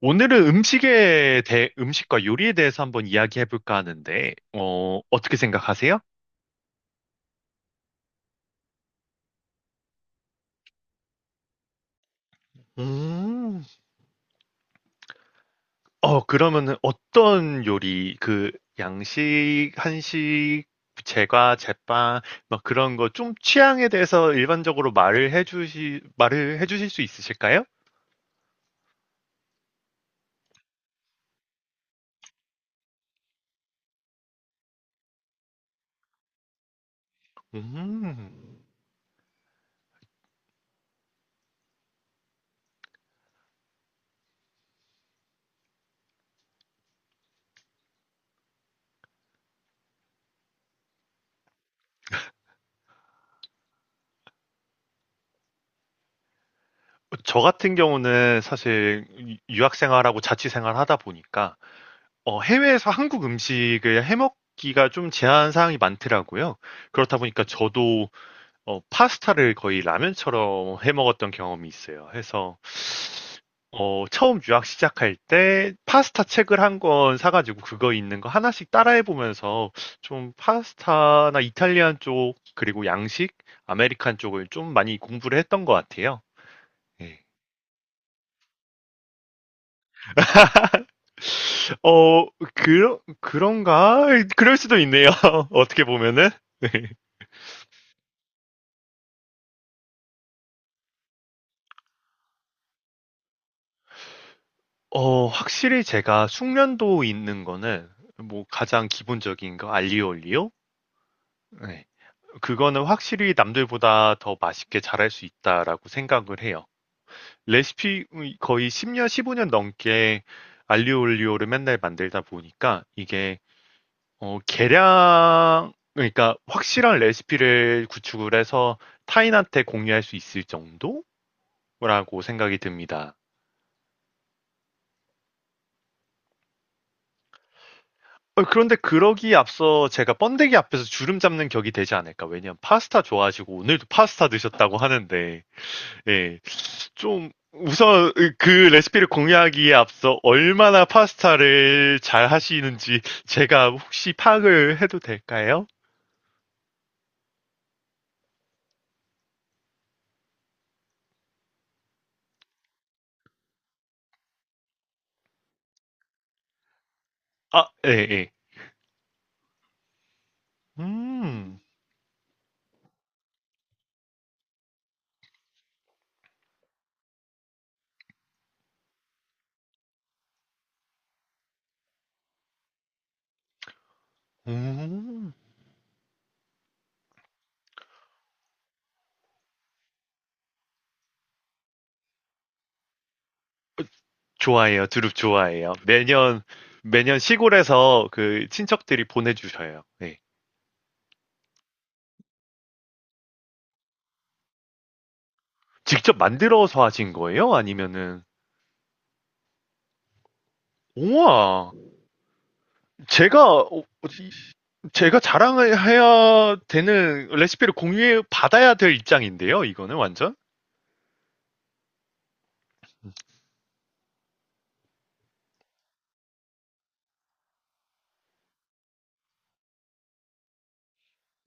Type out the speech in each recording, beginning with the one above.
오늘은 음식과 요리에 대해서 한번 이야기해볼까 하는데, 어떻게 생각하세요? 음. 그러면은 어떤 요리, 양식, 한식, 제과, 제빵, 막 그런 거 좀 취향에 대해서 일반적으로 말을 해주실 수 있으실까요? 음. 저 같은 경우는 사실 유학 생활하고 자취 생활 하다 보니까, 해외에서 한국 음식을 해 먹기가 좀 제한 사항이 많더라고요. 그렇다 보니까 저도 파스타를 거의 라면처럼 해 먹었던 경험이 있어요. 해서 처음 유학 시작할 때 파스타 책을 한 권 사 가지고 그거 있는 거 하나씩 따라해 보면서 좀 파스타나 이탈리안 쪽 그리고 양식, 아메리칸 쪽을 좀 많이 공부를 했던 것 같아요. 예. 어 그런가? 그럴 수도 있네요, 어떻게 보면은. 네. 확실히 제가 숙련도 있는 거는 뭐 가장 기본적인 거 알리오 올리오? 네. 그거는 확실히 남들보다 더 맛있게 잘할 수 있다라고 생각을 해요. 레시피 거의 10년, 15년 넘게 알리오 올리오를 맨날 만들다 보니까 이게 계량 그러니까 확실한 레시피를 구축을 해서 타인한테 공유할 수 있을 정도라고 생각이 듭니다. 그런데 그러기에 앞서 제가 번데기 앞에서 주름 잡는 격이 되지 않을까. 왜냐면 파스타 좋아하시고 오늘도 파스타 드셨다고 하는데, 예, 좀 우선 그 레시피를 공유하기에 앞서 얼마나 파스타를 잘 하시는지 제가 혹시 파악을 해도 될까요? 아, 예, 예. 음, 음. 좋아해요. 두릅 좋아해요. 매년, 매년 시골에서 그 친척들이 보내주셔요. 네. 직접 만들어서 하신 거예요? 아니면은. 우와. 제가 어, 제가 자랑을 해야 되는 레시피를 공유해 받아야 될 입장인데요. 이거는 완전.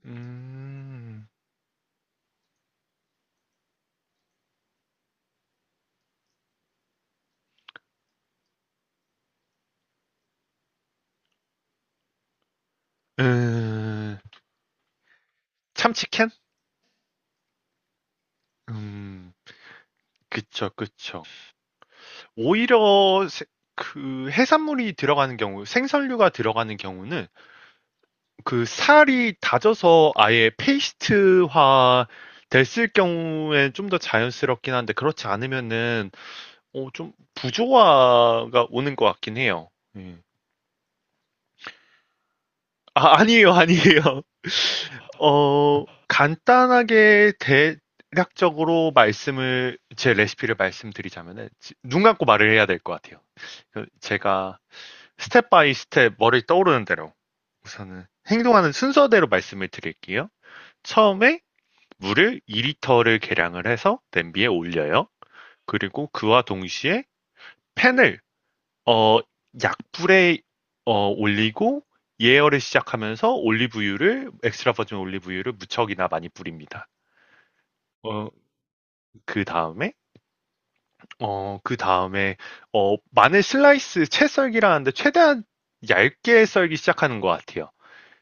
음. 음. 참치캔. 음. 그쵸, 그쵸. 오히려 그 해산물이 들어가는 경우 생선류가 들어가는 경우는 그 살이 다져서 아예 페이스트화 됐을 경우엔 좀 더 자연스럽긴 한데 그렇지 않으면은 좀 부조화가 오는 것 같긴 해요. 예. 아, 아니에요, 아니에요. 간단하게 대략적으로 제 레시피를 말씀드리자면은, 눈 감고 말을 해야 될 것 같아요. 그 제가 스텝 바이 스텝 머리 떠오르는 대로 우선은 행동하는 순서대로 말씀을 드릴게요. 처음에 물을 2리터를 계량을 해서 냄비에 올려요. 그리고 그와 동시에 팬을 어, 약불에 올리고 예열을 시작하면서 올리브유를 엑스트라 버진 올리브유를 무척이나 많이 뿌립니다. 어, 그 다음에 그 다음에 마늘 슬라이스 채 썰기라는데 최대한 얇게 썰기 시작하는 것 같아요.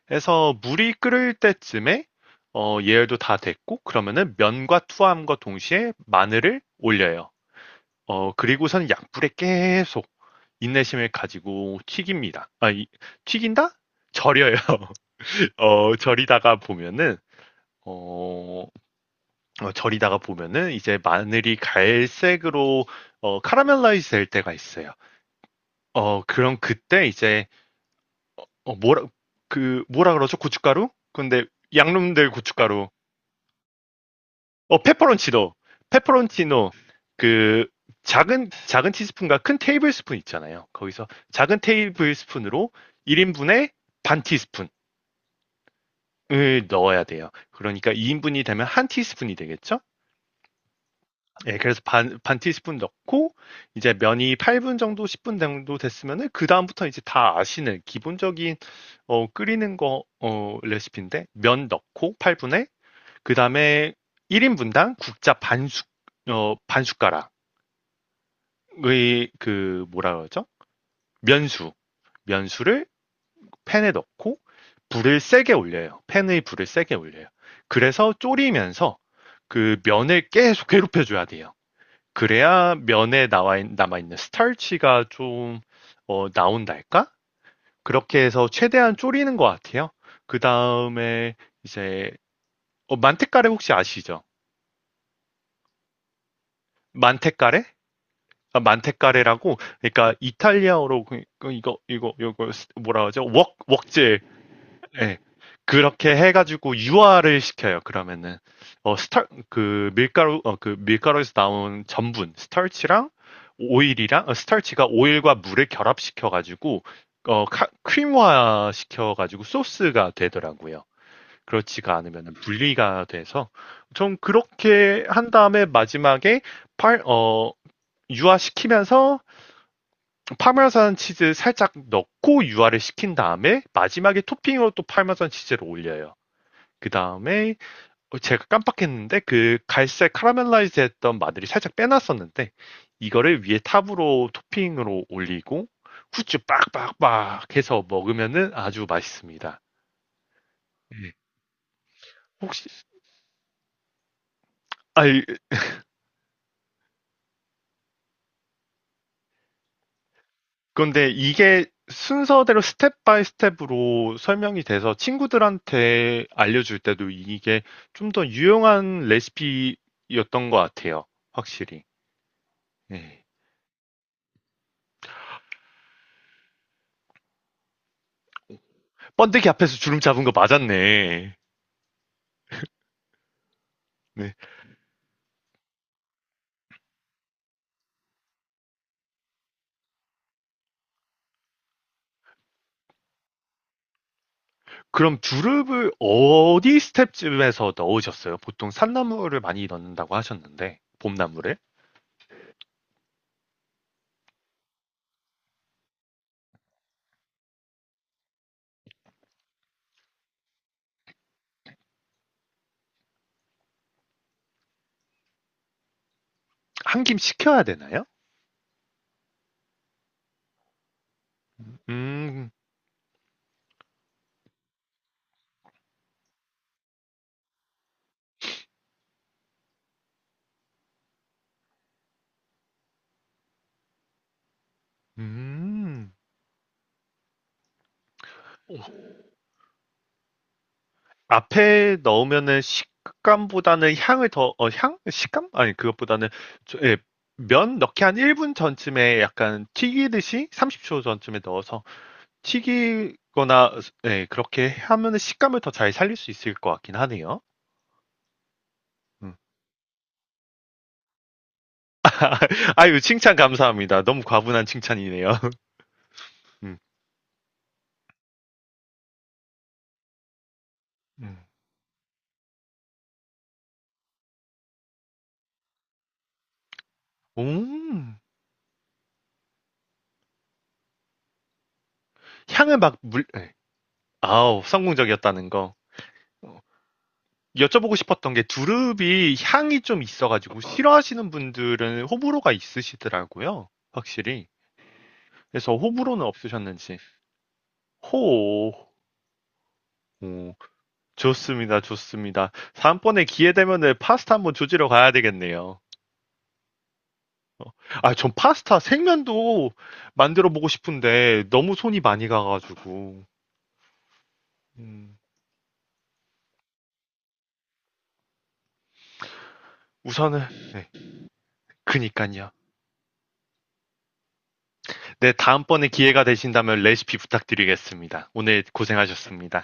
그래서 물이 끓을 때쯤에 예열도 다 됐고 그러면은 면과 투하함과 동시에 마늘을 올려요. 그리고서는 약불에 계속 인내심을 가지고 튀깁니다. 아, 튀긴다? 절여요. 어, 절이다가 보면은, 어, 절이다가 보면은 이제 마늘이 갈색으로, 카라멜라이즈 될 때가 있어요. 그럼 그때 이제, 어, 뭐라, 뭐라 그러죠? 고춧가루? 근데 양놈들 고춧가루. 페퍼론치노. 페퍼론치노. 그 작은 티스푼과 큰 테이블 스푼 있잖아요. 거기서 작은 테이블 스푼으로 1인분에 반 티스푼을 넣어야 돼요. 그러니까 2인분이 되면 한 티스푼이 되겠죠? 예, 그래서 반 티스푼 넣고 이제 면이 8분 정도 10분 정도 됐으면은 그 다음부터 이제 다 아시는 기본적인 끓이는 거 레시피인데 면 넣고 8분에 그 다음에 1인분당 국자 반 숟가락 의 그 뭐라 그러죠? 면수 면수를 팬에 넣고 불을 세게 올려요. 팬의 불을 세게 올려요. 그래서 졸이면서 그 면을 계속 괴롭혀줘야 돼요. 그래야 면에 나와 남아 있는 스타치가 좀 나온달까? 그렇게 해서 최대한 졸이는 것 같아요. 그 다음에 이제 만테카레 혹시 아시죠? 만테카레? 아, 만테카레라고 그러니까 이탈리아어로 그- 그 이거 이거 이거 뭐라 하죠? 웍 웍젤. 네. 그렇게 해 가지고 유화를 시켜요. 그러면은 어 스타 그 밀가루 어 그 밀가루에서 나온 전분, 스타치랑 오일이랑 스타치가 오일과 물을 결합시켜 가지고 크림화 시켜 가지고 소스가 되더라고요. 그렇지가 않으면 분리가 돼서 좀 그렇게 한 다음에 마지막에 팔 어 유화시키면서 파마산 치즈 살짝 넣고 유화를 시킨 다음에 마지막에 토핑으로 또 파마산 치즈를 올려요. 그 다음에 제가 깜빡했는데 그 갈색 카라멜라이즈 했던 마늘이 살짝 빼놨었는데 이거를 위에 탑으로 토핑으로 올리고 후추 빡빡빡 해서 먹으면은 아주 맛있습니다. 음. 혹시 아 근데 이게 순서대로 스텝 바이 스텝으로 설명이 돼서 친구들한테 알려줄 때도 이게 좀 더 유용한 레시피였던 것 같아요. 확실히. 네. 번데기 앞에서 주름 잡은 거 맞았네. 네. 그럼 두릅을 어디 스텝쯤에서 넣으셨어요? 보통 산나물을 많이 넣는다고 하셨는데, 봄나물을? 한 김 식혀야 되나요? 음, 음. 앞에 넣으면은 식감보다는 향을 더, 향? 식감? 아니, 그것보다는, 예, 면 넣기 한 1분 전쯤에 약간 튀기듯이 30초 전쯤에 넣어서 튀기거나, 예, 그렇게 하면은 식감을 더 잘 살릴 수 있을 것 같긴 하네요. 음. 아유, 칭찬 감사합니다. 너무 과분한 칭찬이네요. 음. 음. 음. 향을 막 물, 예. 아우, 성공적이었다는 거. 여쭤보고 싶었던 게 두릅이 향이 좀 있어가지고 싫어하시는 분들은 호불호가 있으시더라고요. 확실히. 그래서 호불호는 없으셨는지. 호. 오, 좋습니다, 좋습니다. 다음번에 기회 되면은 파스타 한번 조지러 가야 되겠네요. 어, 아, 전 파스타 생면도 만들어 보고 싶은데 너무 손이 많이 가가지고. 음. 우선은, 네, 그니깐요. 네, 다음번에 기회가 되신다면 레시피 부탁드리겠습니다. 오늘 고생하셨습니다.